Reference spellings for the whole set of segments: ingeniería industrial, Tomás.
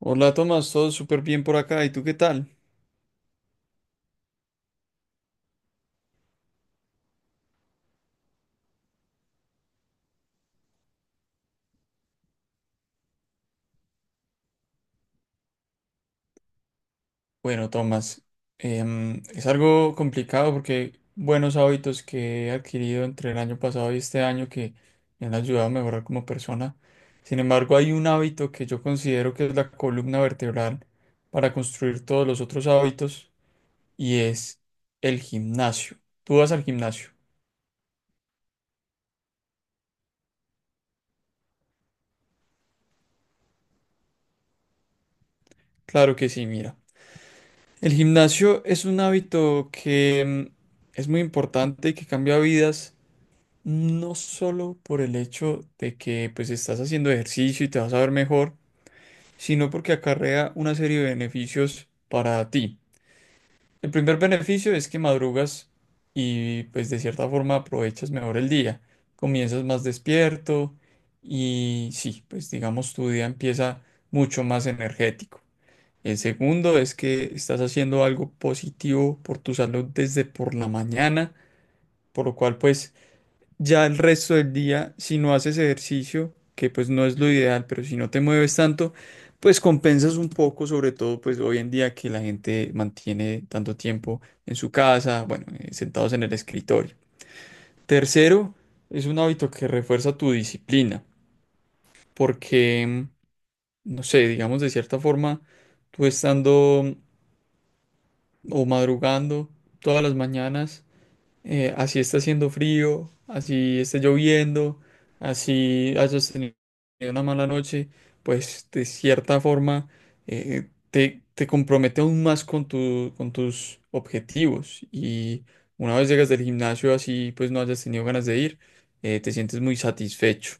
Hola Tomás, todo súper bien por acá. ¿Y tú qué tal? Bueno, Tomás, es algo complicado porque buenos hábitos que he adquirido entre el año pasado y este año que me han ayudado a mejorar como persona. Sin embargo, hay un hábito que yo considero que es la columna vertebral para construir todos los otros hábitos y es el gimnasio. ¿Tú vas al gimnasio? Claro que sí, mira. El gimnasio es un hábito que es muy importante y que cambia vidas. No solo por el hecho de que pues estás haciendo ejercicio y te vas a ver mejor, sino porque acarrea una serie de beneficios para ti. El primer beneficio es que madrugas y pues de cierta forma aprovechas mejor el día, comienzas más despierto y sí, pues digamos tu día empieza mucho más energético. El segundo es que estás haciendo algo positivo por tu salud desde por la mañana, por lo cual pues ya el resto del día, si no haces ejercicio, que pues no es lo ideal, pero si no te mueves tanto, pues compensas un poco, sobre todo pues hoy en día que la gente mantiene tanto tiempo en su casa, bueno, sentados en el escritorio. Tercero, es un hábito que refuerza tu disciplina, porque, no sé, digamos de cierta forma, tú estando o madrugando todas las mañanas, así está haciendo frío, así está lloviendo, así hayas tenido una mala noche, pues de cierta forma te compromete aún más con tu, con tus objetivos. Y una vez llegas del gimnasio así, pues no hayas tenido ganas de ir, te sientes muy satisfecho.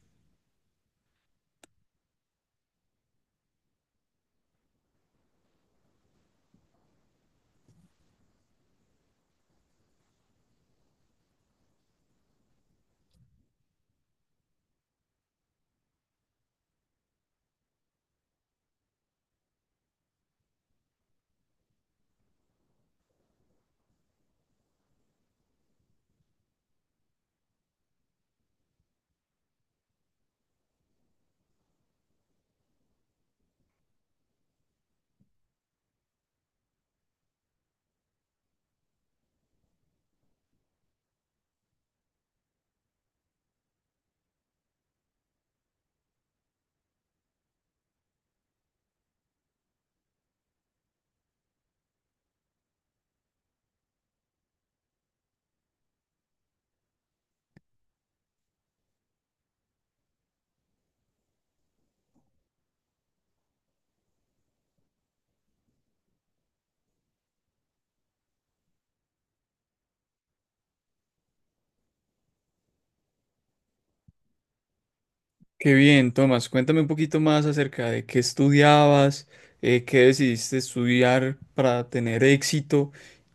Qué bien, Tomás, cuéntame un poquito más acerca de qué estudiabas, qué decidiste estudiar para tener éxito.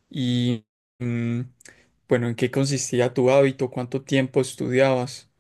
Y mm, bueno, ¿en qué consistía tu hábito? ¿Cuánto tiempo estudiabas?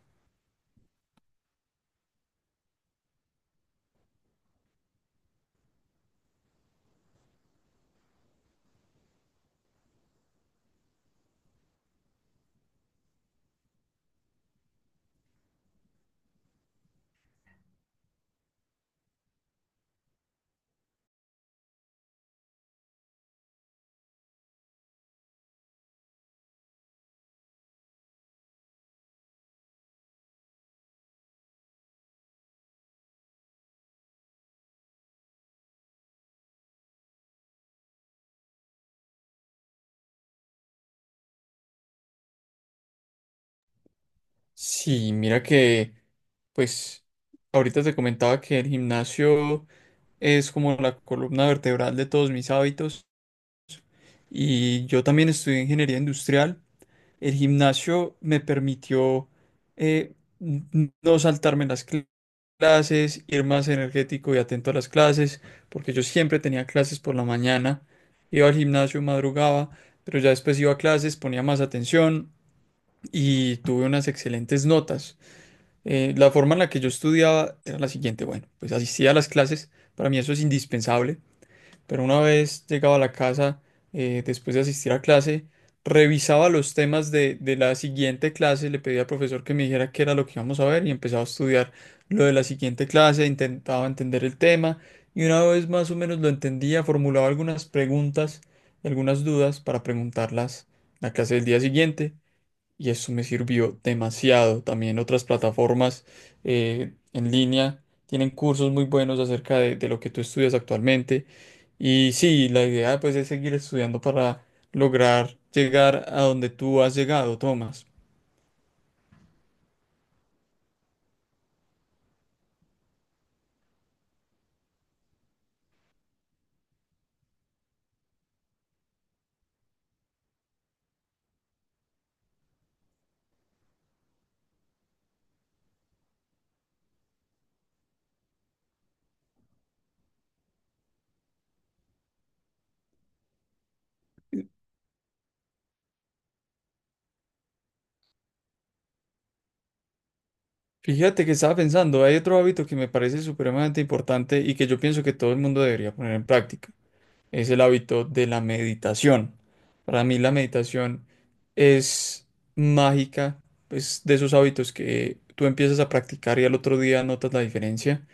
Sí, mira que, pues, ahorita te comentaba que el gimnasio es como la columna vertebral de todos mis hábitos y yo también estudié ingeniería industrial. El gimnasio me permitió no saltarme las clases, ir más energético y atento a las clases, porque yo siempre tenía clases por la mañana, iba al gimnasio, madrugaba, pero ya después iba a clases, ponía más atención y tuve unas excelentes notas. La forma en la que yo estudiaba era la siguiente, bueno, pues asistía a las clases, para mí eso es indispensable, pero una vez llegaba a la casa, después de asistir a clase, revisaba los temas de la siguiente clase, le pedía al profesor que me dijera qué era lo que íbamos a ver y empezaba a estudiar lo de la siguiente clase, intentaba entender el tema y una vez más o menos lo entendía, formulaba algunas preguntas, algunas dudas para preguntarlas en la clase del día siguiente y eso me sirvió demasiado. También otras plataformas en línea tienen cursos muy buenos acerca de lo que tú estudias actualmente. Y sí, la idea pues es seguir estudiando para lograr llegar a donde tú has llegado, Tomás. Fíjate que estaba pensando, hay otro hábito que me parece supremamente importante y que yo pienso que todo el mundo debería poner en práctica. Es el hábito de la meditación. Para mí la meditación es mágica, es de esos hábitos que tú empiezas a practicar y al otro día notas la diferencia.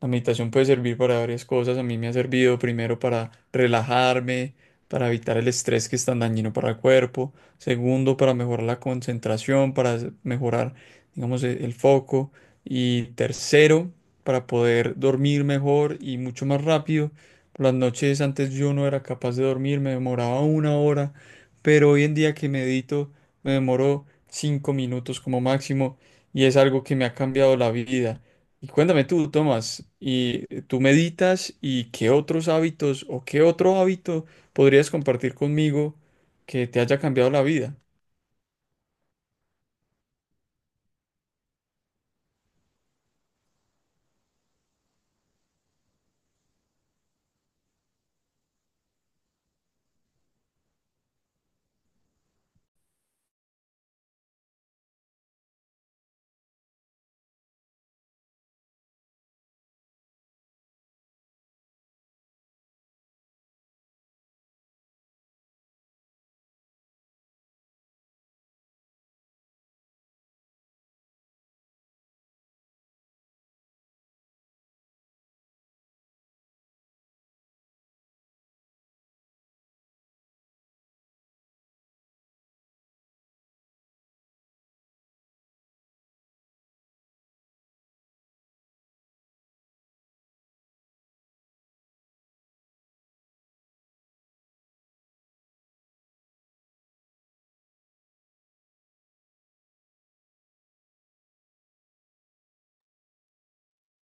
La meditación puede servir para varias cosas. A mí me ha servido primero para relajarme, para evitar el estrés que es tan dañino para el cuerpo. Segundo, para mejorar la concentración, para mejorar, digamos, el foco. Y tercero, para poder dormir mejor y mucho más rápido. Por las noches antes yo no era capaz de dormir, me demoraba una hora, pero hoy en día que medito me demoro 5 minutos como máximo y es algo que me ha cambiado la vida. Y cuéntame tú, Tomás, ¿y tú meditas y qué otros hábitos o qué otro hábito podrías compartir conmigo que te haya cambiado la vida?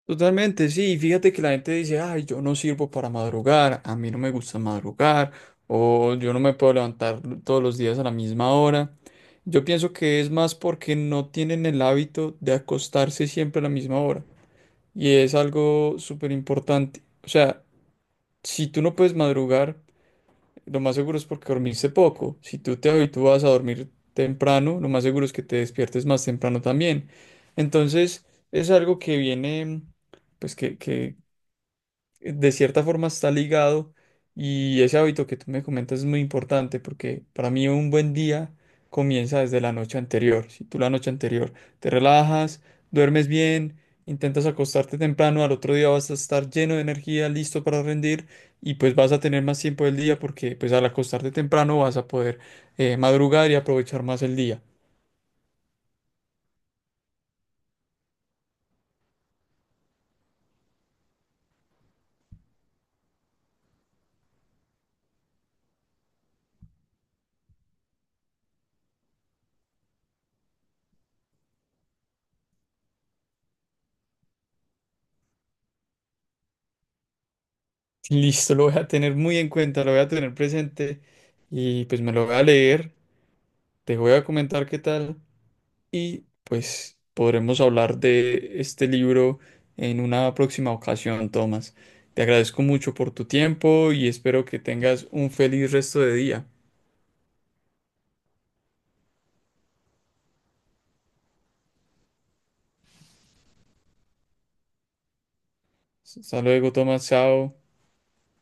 Totalmente, sí. Fíjate que la gente dice, ay, yo no sirvo para madrugar, a mí no me gusta madrugar, o yo no me puedo levantar todos los días a la misma hora. Yo pienso que es más porque no tienen el hábito de acostarse siempre a la misma hora. Y es algo súper importante. O sea, si tú no puedes madrugar, lo más seguro es porque dormiste poco. Si tú te habitúas a dormir temprano, lo más seguro es que te despiertes más temprano también. Entonces, es algo que viene, pues de cierta forma está ligado y ese hábito que tú me comentas es muy importante porque para mí un buen día comienza desde la noche anterior. Si tú la noche anterior te relajas, duermes bien, intentas acostarte temprano, al otro día vas a estar lleno de energía, listo para rendir y pues vas a tener más tiempo del día porque pues al acostarte temprano vas a poder madrugar y aprovechar más el día. Listo, lo voy a tener muy en cuenta, lo voy a tener presente y pues me lo voy a leer. Te voy a comentar qué tal. Y pues podremos hablar de este libro en una próxima ocasión, Tomás. Te agradezco mucho por tu tiempo y espero que tengas un feliz resto de día. Hasta luego, Tomás. Chao.